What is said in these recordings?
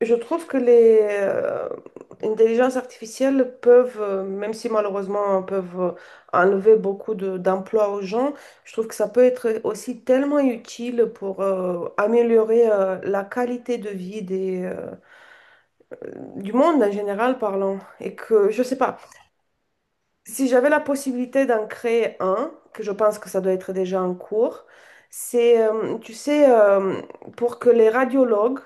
Je trouve que les intelligences artificielles peuvent, même si malheureusement peuvent enlever beaucoup d'emplois aux gens. Je trouve que ça peut être aussi tellement utile pour améliorer la qualité de vie des, du monde en général parlant. Et que, je sais pas, si j'avais la possibilité d'en créer un, que je pense que ça doit être déjà en cours. C'est, tu sais, pour que les radiologues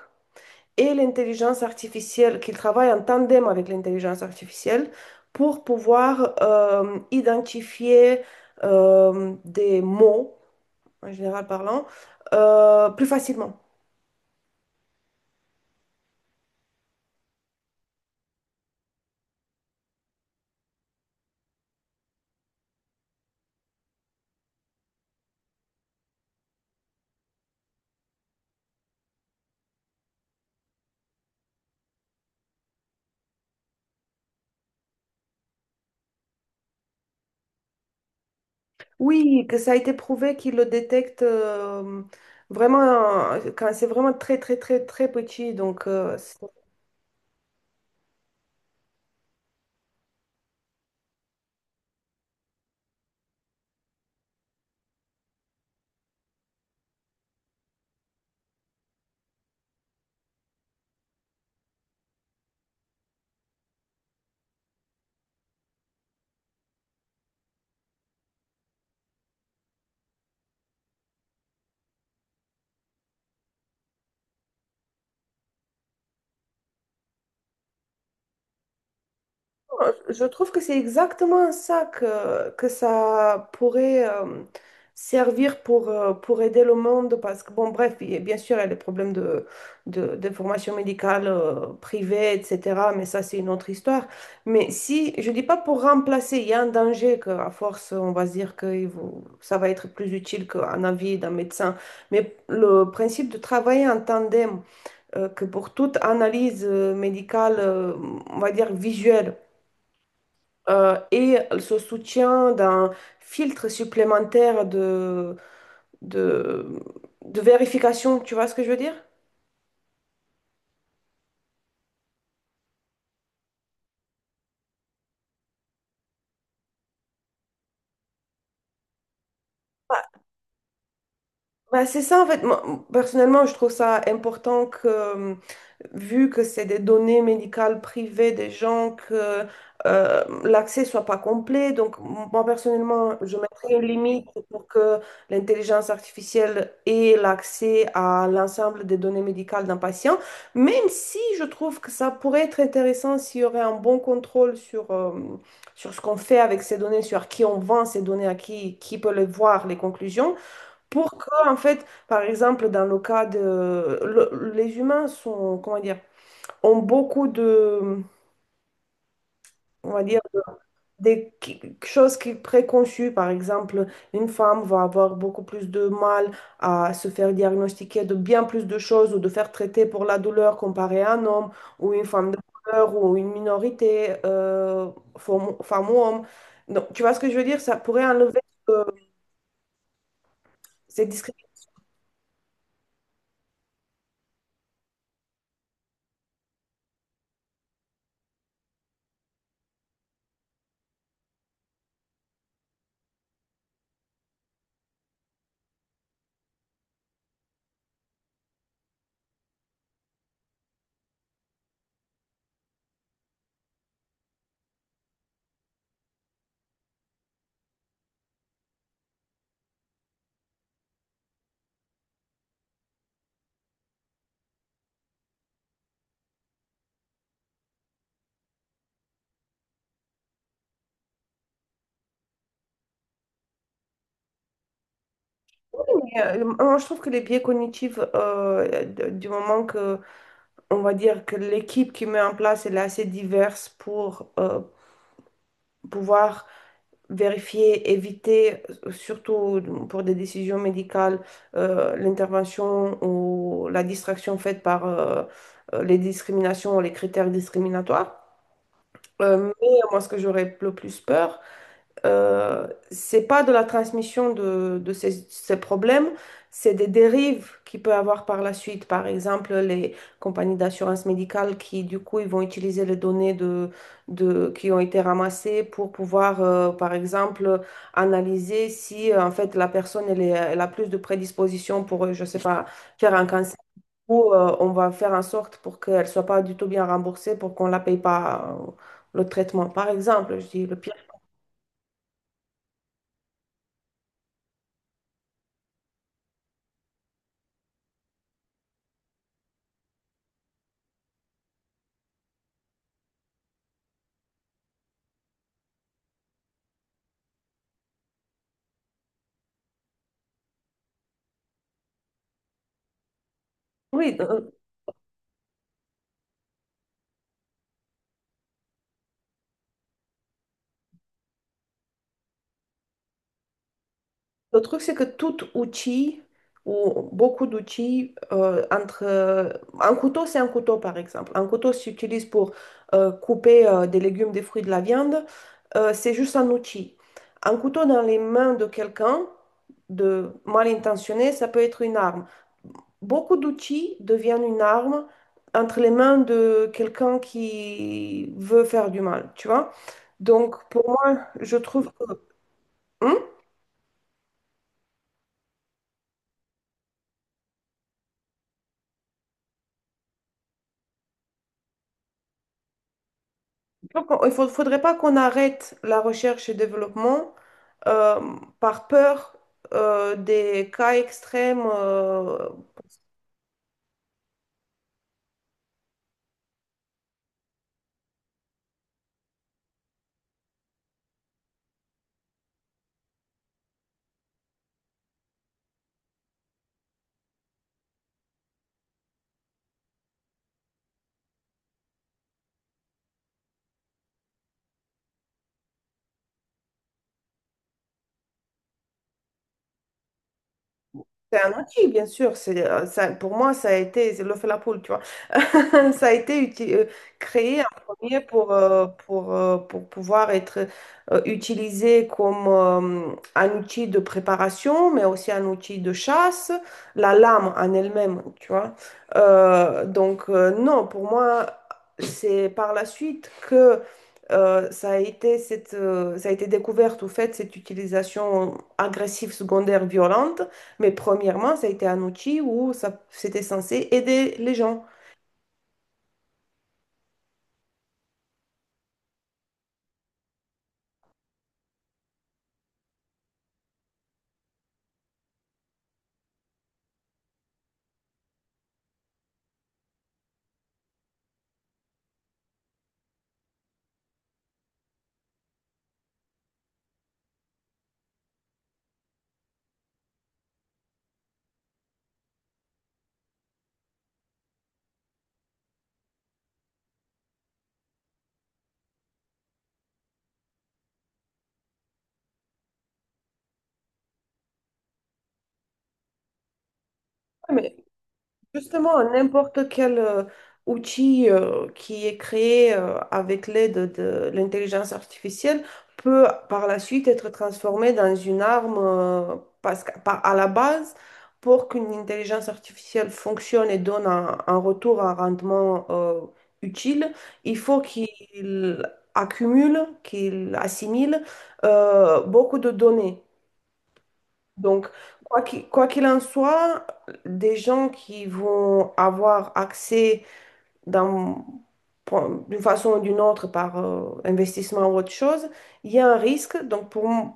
et l'intelligence artificielle, qu'ils travaillent en tandem avec l'intelligence artificielle pour pouvoir identifier des mots, en général parlant, plus facilement. Oui, que ça a été prouvé qu'ils le détectent vraiment quand c'est vraiment très, très, très, très petit. Donc, je trouve que c'est exactement ça que ça pourrait servir pour aider le monde parce que, bon, bref, bien sûr, il y a les problèmes de formation médicale privée, etc., mais ça, c'est une autre histoire. Mais si, je dis pas pour remplacer, il y a un danger qu'à force, on va se dire que ça va être plus utile qu'un avis d'un médecin, mais le principe de travailler en tandem, que pour toute analyse médicale, on va dire visuelle, et ce soutien d'un filtre supplémentaire de, de vérification, tu vois ce que je veux dire? Bah, c'est ça, en fait. Moi, personnellement, je trouve ça important que, vu que c'est des données médicales privées des gens, que l'accès soit pas complet. Donc, moi, personnellement, je mettrais une limite pour que l'intelligence artificielle ait l'accès à l'ensemble des données médicales d'un patient, même si je trouve que ça pourrait être intéressant s'il y aurait un bon contrôle sur, sur ce qu'on fait avec ces données, sur à qui on vend ces données, à qui peut les voir, les conclusions. Pour que, en fait, par exemple, dans le cas de... les humains sont, comment dire, ont beaucoup de, on va dire, des choses qui préconçues. Par exemple, une femme va avoir beaucoup plus de mal à se faire diagnostiquer de bien plus de choses ou de faire traiter pour la douleur comparé à un homme ou une femme de couleur ou une minorité, femme, femme ou homme. Donc, tu vois ce que je veux dire? Ça pourrait enlever euh, ces discriminations. Mais, moi, je trouve que les biais cognitifs, du moment que, on va dire que l'équipe qui met en place, elle est assez diverse pour pouvoir vérifier, éviter, surtout pour des décisions médicales, l'intervention ou la distraction faite par les discriminations ou les critères discriminatoires. Mais moi, ce que j'aurais le plus peur, c'est pas de la transmission de ces, ces problèmes, c'est des dérives qu'il peut avoir par la suite. Par exemple, les compagnies d'assurance médicale qui, du coup, ils vont utiliser les données de, qui ont été ramassées pour pouvoir, par exemple, analyser si, en fait, la personne, elle, elle a plus de prédisposition pour, je sais pas, faire un cancer. Ou on va faire en sorte pour qu'elle soit pas du tout bien remboursée pour qu'on la paye pas le traitement, par exemple. Je dis le pire. Oui, le truc, c'est que tout outil ou beaucoup d'outils entre un couteau, c'est un couteau par exemple. Un couteau s'utilise pour couper des légumes, des fruits, de la viande. C'est juste un outil. Un couteau dans les mains de quelqu'un de mal intentionné, ça peut être une arme. Beaucoup d'outils deviennent une arme entre les mains de quelqu'un qui veut faire du mal, tu vois. Donc pour moi, je trouve que... Hein. Donc, il ne faudrait pas qu'on arrête la recherche et développement euh, par peur des cas extrêmes. C'est un outil, bien sûr. C'est, ça, pour moi, ça a été c'est l'œuf et la poule, tu vois. Ça a été uti- Créé en premier pour pouvoir être utilisé comme un outil de préparation, mais aussi un outil de chasse, la lame en elle-même, tu vois. Donc, non, pour moi, c'est par la suite que ça a été cette, ça a été découverte, au fait, cette utilisation agressive, secondaire, violente. Mais premièrement, ça a été un outil où ça, c'était censé aider les gens. Justement, n'importe quel outil qui est créé avec l'aide de l'intelligence artificielle peut par la suite être transformé dans une arme parce que, à la base, pour qu'une intelligence artificielle fonctionne et donne un retour, un rendement utile, il faut qu'il accumule, qu'il assimile beaucoup de données. Donc, quoi qu'il en soit, des gens qui vont avoir accès dans- d'une façon ou d'une autre par investissement ou autre chose, il y a un risque donc pour,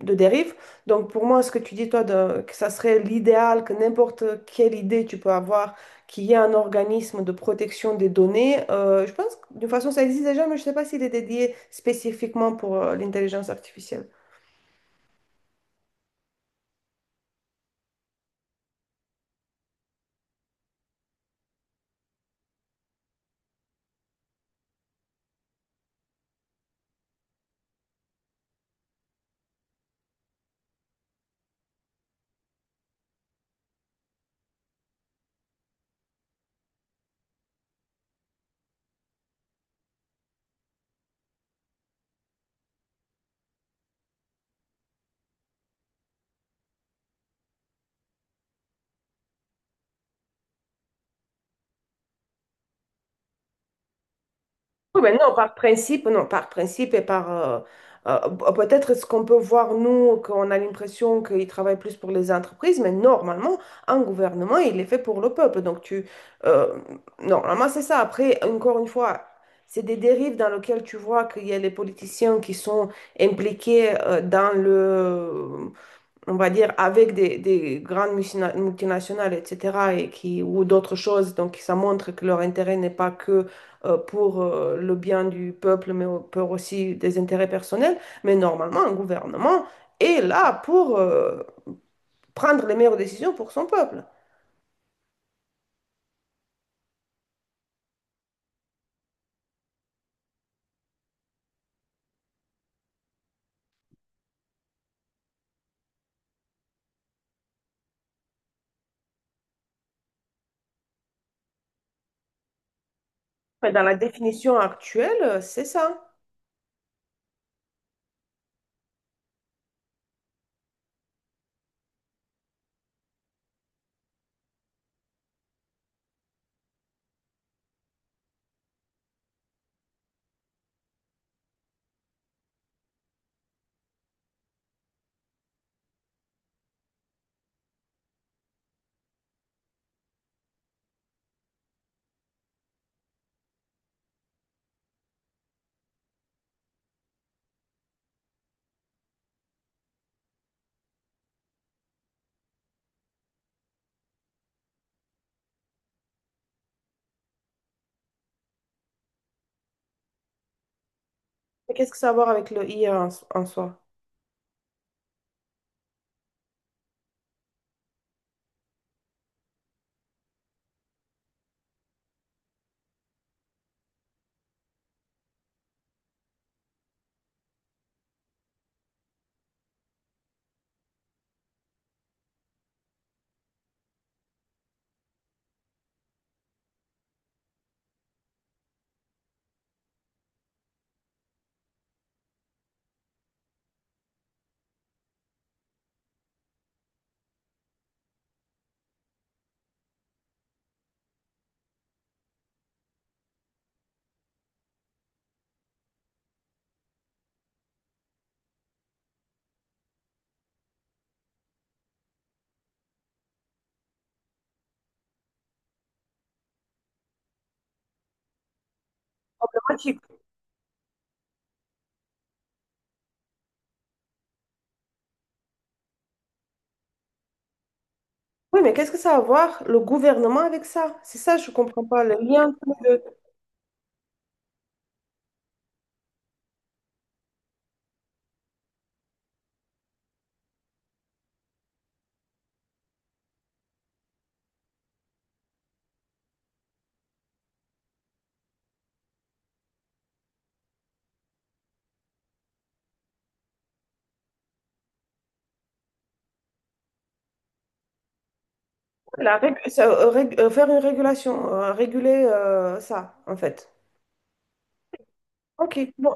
de dérive. Donc, pour moi, ce que tu dis, toi, que ça serait l'idéal, que n'importe quelle idée tu peux avoir, qu'il y ait un organisme de protection des données, je pense que d'une façon, ça existe déjà, mais je ne sais pas s'il est dédié spécifiquement pour l'intelligence artificielle. Oui, mais non, par principe, non, par principe et par euh, peut-être ce qu'on peut voir, nous, qu'on a l'impression qu'ils travaillent plus pour les entreprises, mais normalement, un gouvernement, il est fait pour le peuple. Donc, tu. euh, Normalement, c'est ça. Après, encore une fois, c'est des dérives dans lesquelles tu vois qu'il y a les politiciens qui sont impliqués dans le, on va dire, avec des grandes multinationales, etc., et qui, ou d'autres choses. Donc, ça montre que leur intérêt n'est pas que pour le bien du peuple, mais pour aussi des intérêts personnels. Mais normalement, un gouvernement est là pour prendre les meilleures décisions pour son peuple. Mais dans la définition actuelle, c'est ça. Mais qu'est-ce que ça a à voir avec le IA en, en soi? Le oui, mais qu'est-ce que ça a à voir le gouvernement avec ça? C'est ça, je comprends pas le lien. Ça, faire une régulation, réguler ça, en fait. Ok, bon.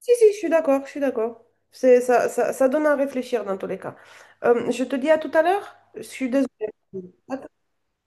Si, si, je suis d'accord, je suis d'accord. C'est, ça donne à réfléchir dans tous les cas. Je te dis à tout à l'heure. Je suis désolée. À